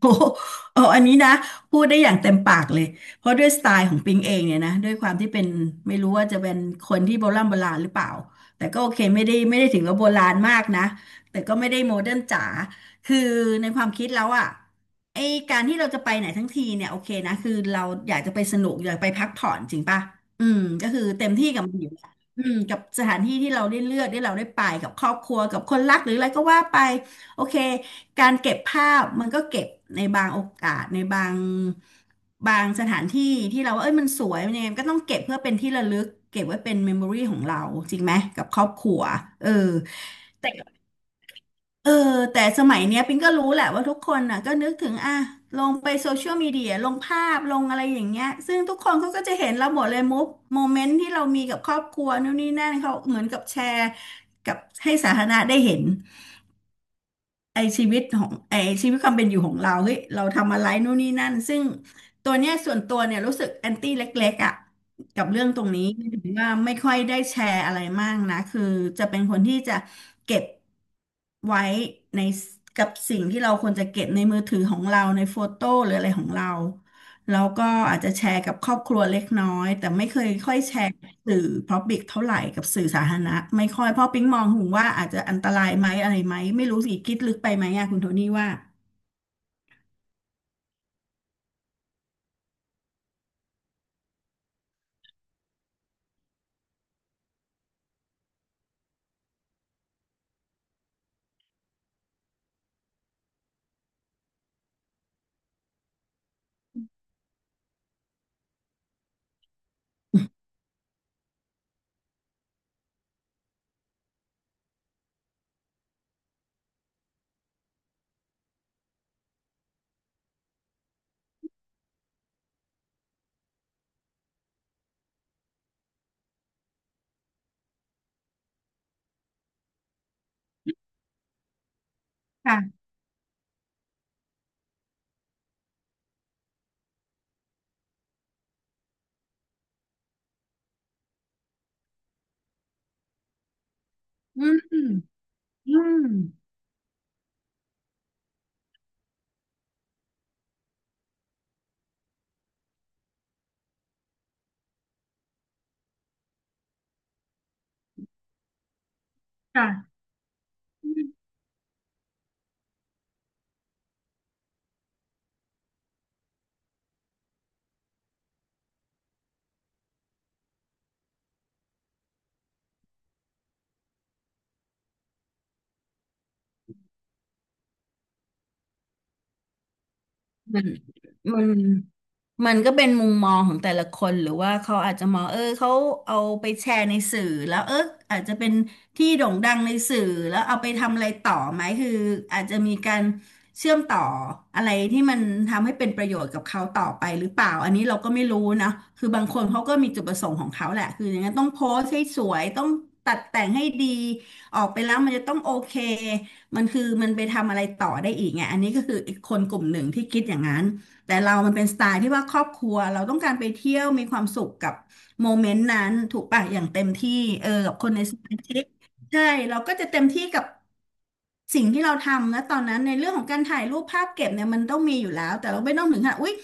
โอ้โหอันนี้นะพูดได้อย่างเต็มปากเลยเพราะด้วยสไตล์ของปิงเองเนี่ยนะด้วยความที่เป็นไม่รู้ว่าจะเป็นคนที่โบราณโบราณหรือเปล่าแต่ก็โอเคไม่ได้ถึงกับโบราณมากนะแต่ก็ไม่ได้โมเดิร์นจ๋าคือในความคิดแล้วอ่ะไอการที่เราจะไปไหนทั้งทีเนี่ยโอเคนะคือเราอยากจะไปสนุกอยากไปพักผ่อนจริงป่ะอืมก็คือเต็มที่กับมันอยู่แล้วอืมกับสถานที่ที่เราได้เลือกที่เราได้ไปกับครอบครัวกับคนรักหรืออะไรก็ว่าไปโอเค การเก็บภาพมันก็เก็บในบางโอกาสในบางสถานที่ที่เราว่าเอ้ยมันสวยมันยังไงมันก็ต้องเก็บเพื่อเป็นที่ระลึกเก็บไว้เป็นเมมโมรี่ของเราจริงไหมกับครอบครัวเออแต่เออแต่สมัยเนี้ยปิงก็รู้แหละว่าทุกคนน่ะก็นึกถึงอ่ะลงไปโซเชียลมีเดียลงภาพลงอะไรอย่างเงี้ยซึ่งทุกคนเขาก็จะเห็นเราหมดเลยมุกโมเมนต์ที่เรามีกับครอบครัวนู่นนี่นั่นเขาเหมือนกับแชร์กับให้สาธารณะได้เห็น ชีวิตของชีวิตความเป็นอยู่ของเราเฮ้ยเราทำอะไรนู่นนี่นั่นซึ่งตัวเนี้ยส่วนตัวเนี่ยรู้สึกแอนตี้เล็กๆอ่ะกับเรื่องตรงนี้ถึงว่าไม่ค่อยได้แชร์อะไรมากนะคือจะเป็นคนที่จะเก็บไว้ในกับสิ่งที่เราควรจะเก็บในมือถือของเราในโฟโต้หรืออะไรของเราแล้วก็อาจจะแชร์กับครอบครัวเล็กน้อยแต่ไม่เคยค่อยแชร์ สื่อ Public เท่าไหร่กับสื่อสาธารณะไม่ค่อยเพราะปิ๊งมองถึงว่าอาจจะอันตรายไหมอะไรไหมไม่รู้สิคิดลึกไปไหมอะคุณโทนี่ว่าค่ะอืมอืมค่ะมันมัน มันก็เป็นมุมมองของแต่ละคนหรือว่าเขาอาจจะมองเออเขาเอาไปแชร์ในสื่อแล้วเอออาจจะเป็นที่โด่งดังในสื่อแล้วเอาไปทำอะไรต่อไหมคืออาจจะมีการเชื่อมต่ออะไรที่มันทำให้เป็นประโยชน์กับเขาต่อไปหรือเปล่าอันนี้เราก็ไม่รู้นะคือบางคนเขาก็มีจุดประสงค์ของเขาแหละคืออย่างนั้นต้องโพสต์ให้สวยต้องตัดแต่งให้ดีออกไปแล้วมันจะต้องโอเคมันคือมันไปทำอะไรต่อได้อีกไงอันนี้ก็คืออีกคนกลุ่มหนึ่งที่คิดอย่างนั้น แต่เรามันเป็นสไตล์ที่ว่าครอบครัวเราต้องการไปเที่ยวมีความสุขกับโมเมนต์นั้นถูกป่ะอย่างเต็มที่เออกับคนในสมาชิกใช่เราก็จะเต็มที่กับสิ่งที่เราทำนะตอนนั้นในเรื่องของการถ่ายรูปภาพเก็บเนี่ยมันต้องมีอยู่แล้วแต่เราไม่ต้องถึงขนาดอุ๊ย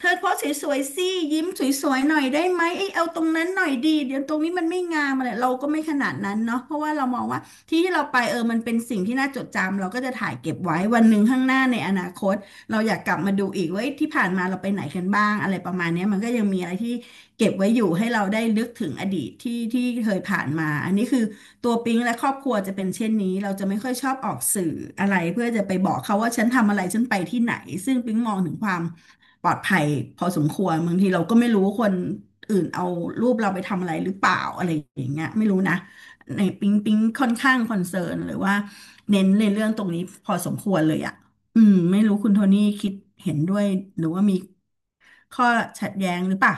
เธอโพสสวยๆสิยิ้มสวยๆหน่อยได้ไหมเอ้ยเอาตรงนั้นหน่อยดีเดี๋ยวตรงนี้มันไม่งามอะไรเราก็ไม่ขนาดนั้นเนาะเพราะว่าเรามองว่าที่ที่เราไปเออมันเป็นสิ่งที่น่าจดจำเราก็จะถ่ายเก็บไว้วันหนึ่งข้างหน้าในอนาคต เราอยากกลับมาดูอีกว่าที่ผ่านมาเราไปไหนกันบ้างอะไรประมาณเนี้ยมันก็ยังมีอะไรที่เก็บไว้อยู่ให้เราได้นึกถึงอดีตที่ที่เคยผ่านมาอันนี้คือตัวปิ๊งและครอบครัวจะเป็นเช่นนี้เราจะไม่ค่อยชอบออกสื่ออะไรเพื่อจะไปบอกเขาว่าฉันทำอะไรฉันไปที่ไหนซึ่งปิ๊งมองถึงความปลอดภัยพอสมควรบางทีเราก็ไม่รู้ว่าคนอื่นเอารูปเราไปทำอะไรหรือเปล่าอะไรอย่างเงี้ยไม่รู้นะในปิ๊งปิ๊งค่อนข้างคอนเซิร์นหรือว่าเน้นในเรื่องตรงนี้พอสมควรเลยอะ อืมไม่รู้คุณโทนี่คิดเห็นด้วยหรือว่ามีข้อขัดแย้งหรือเปล่า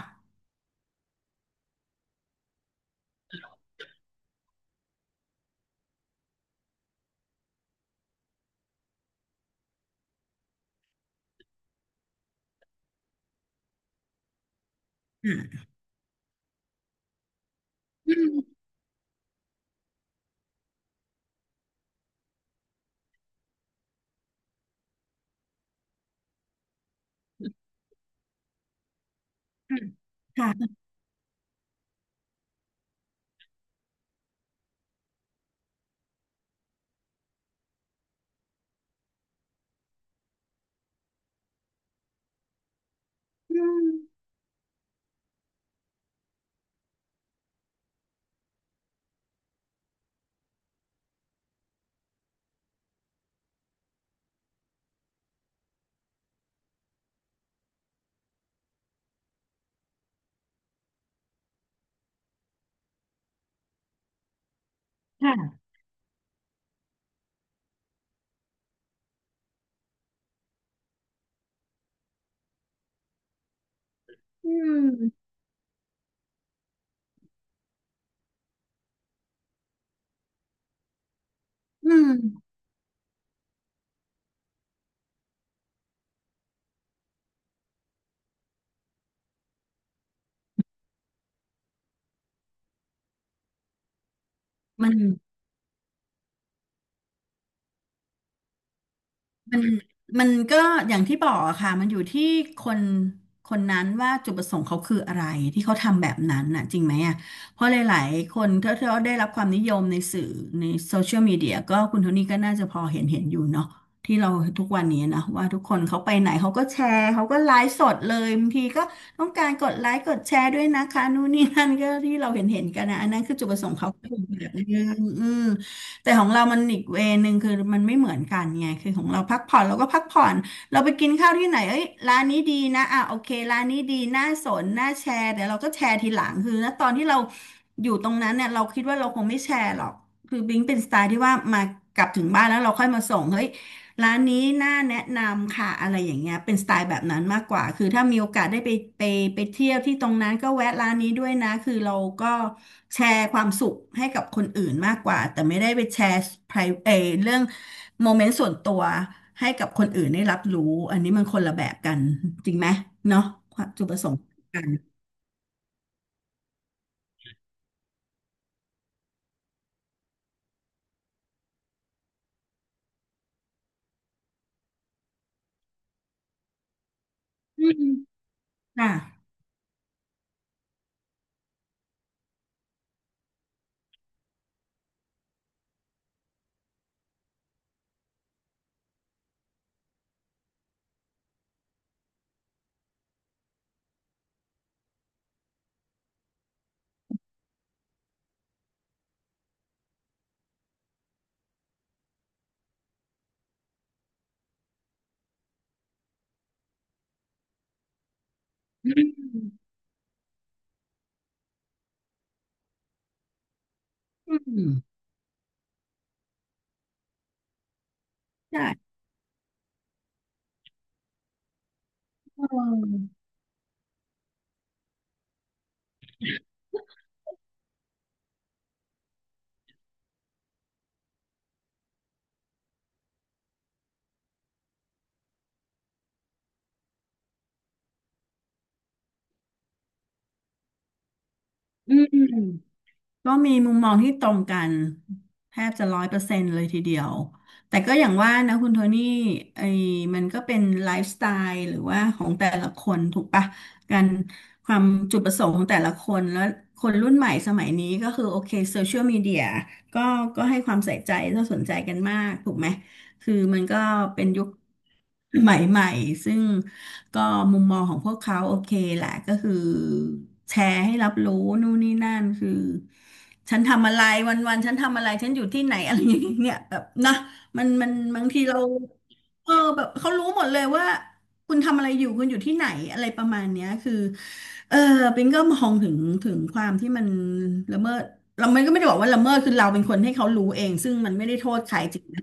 อ่าอืมค่ะค่ะอืมค่ะอืมอืมมัน มันมันก็อย่างที่บอกอะค่ะมันอยู่ที่คนคนนั้นว่าจุดประสงค์เขาคืออะไรที่เขาทำแบบนั้นน่ะจริงไหมอ่ะเพราะหลายๆคนถ้าที่เขาได้รับความนิยมในสื่อในโซเชียลมีเดียก็คุณโทนี่ก็น่าจะพอเห็นอยู่เนาะที่เราทุกวันนี้นะว่าทุกคนเขาไปไหนเขาก็แชร์เขาก็ไลฟ์สดเลยบางทีก็ต้องการกดไลค์กดแชร์ด้วยนะคะนู่นนี่นั่นก็ที่เราเห็นกันนะอันนั้นคือจุดประสงค์เขาคือแบบนึงอืม แต่ของเรามันอีกเวนึงคือมันไม่เหมือนกันไงคือของเราพักผ่อนเราก็พักผ่อนเราไปกินข้าวที่ไหนเอ้ยร้านนี้ดีนะอ่ะโอเคร้านนี้ดีน่าสนน่าแชร์เดี๋ยวเราก็แชร์ทีหลังคือณตอนที่เราอยู่ตรงนั้นเนี่ยเราคิดว่าเราคงไม่แชร์หรอกคือบิงเป็นสไตล์ที่ว่ามากลับถึงบ้านแล้วเราค่อยมาส่งเฮ้ย ร้านนี้น่าแนะนำค่ะอะไรอย่างเงี้ยเป็นสไตล์แบบนั้นมากกว่าคือถ้ามีโอกาสได้ไปไปเที่ยวที่ตรงนั้นก็แวะร้านนี้ด้วยนะคือเราก็แชร์ความสุขให้กับคนอื่นมากกว่าแต่ไม่ได้ไปแชร์ pri- เออเรื่องโมเมนต์ส่วนตัวให้กับคนอื่นได้รับรู้อันนี้มันคนละแบบกันจริงไหมเนาะความจุดประสงค์กันอืมค่ะอืมอืมใช่เอออืม ก็มีมุมมองที่ตรงกันแทบจะร้อยเปอร์เซ็นต์เลยทีเดียวแต่ก็อย่างว่านะคุณโทนี่ไอ้มันก็เป็นไลฟ์สไตล์หรือว่าของแต่ละคนถูกปะการความจุดประสงค์ของแต่ละคนแล้วคนรุ่นใหม่สมัยนี้ก็คือโอเคโซเชียลมีเดียก็ก็ให้ความใส่ใจและสนใจกันมากถูกไหมคือมันก็เป็นยุคใหม่ๆซึ่ง ก็มุมมองของพวกเขาโอเคแหละก็คือแชร์ให้รับรู้นู่นนี่นั่นคือฉันทำอะไรวันวันฉันทำอะไรฉันอยู่ที่ไหนอะไรอย่างเงี้ยแบบนะมันบางทีเราแบบเขารู้หมดเลยว่าคุณทำอะไรอยู่คุณอยู่ที่ไหนอะไรประมาณเนี้ยคือเออปิงก็มองถึงถึงความที่มันละเมิดเราไม่ก็ไม่ได้บอกว่าละเมิดคือเราเป็นคนให้เขารู้เองซึ่งมันไม่ได้โทษใครจริงนะ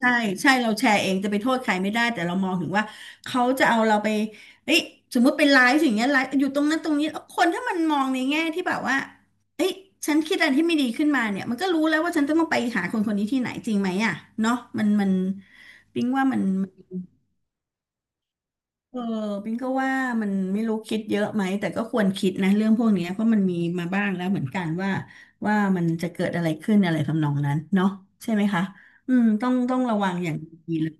ใช่ใช่เราแชร์เองจะไปโทษใครไม่ได้แต่เรามองถึงว่า เขาจะเอาเราไปเอ้ยสมมุติเป็นไลฟ์อย่างเงี้ยไลฟ์อยู่ตรงนั้นตรงนี้้คนถ้ามันมองในแง่ที่แบบว่าเอ้ยฉันคิดอะไรที่ไม่ดีขึ้นมาเนี่ยมันก็รู้แล้วว่าฉันต้องไปหาคนคนนี้ที่ไหนจริงไหมอ่ะเนาะมันปิ๊งว่ามันเออปิ๊งก็ว่ามันไม่รู้คิดเยอะไหมแต่ก็ควรคิดนะเรื่องพวกเนี้ยเพราะมันมีมาบ้างแล้วเหมือนกันว่ามันจะเกิดอะไรขึ้นอะไรทำนองนั้นเนาะใช่ไหมคะอืมต้องระวังอย่างดีเลย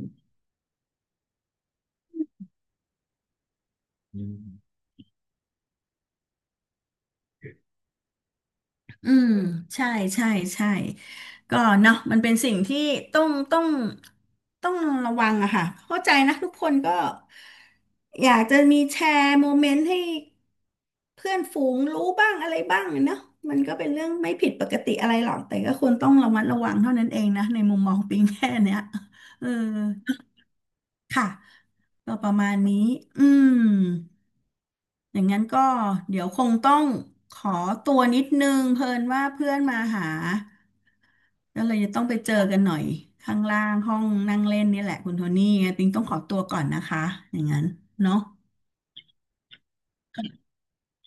อืมใช่ใช่ใช่ก็เนาะมันเป็นสิ่งที่ต้องต้องต้องระวังอะค่ะเข้าใจนะทุกคนก็อยากจะมีแชร์โมเมนต์ให้เพื่อนฝูงรู้บ้างอะไรบ้างเนาะมันก็เป็นเรื่องไม่ผิดปกติอะไรหรอกแต่ก็ควรต้องระมัดระวังเท่านั้นเองนะในมุมมองปิงแค่เนี้ยเออค่ะก็ประมาณนี้อืม อย่างนั้นก็เดี๋ยวคงต้องขอตัวนิดนึงเพิ่นว่าเพื่อนมาหาแล้วเลยจะต้องไปเจอกันหน่อยข้างล่างห้องนั่งเล่นนี่แหละคุณโทนี่ไงปิงต้องขอตัวก่อนนะคะอย่างนั้นเนาะ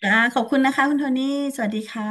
จ้าขอบคุณนะคะคุณโทนี่สวัสดีค่ะ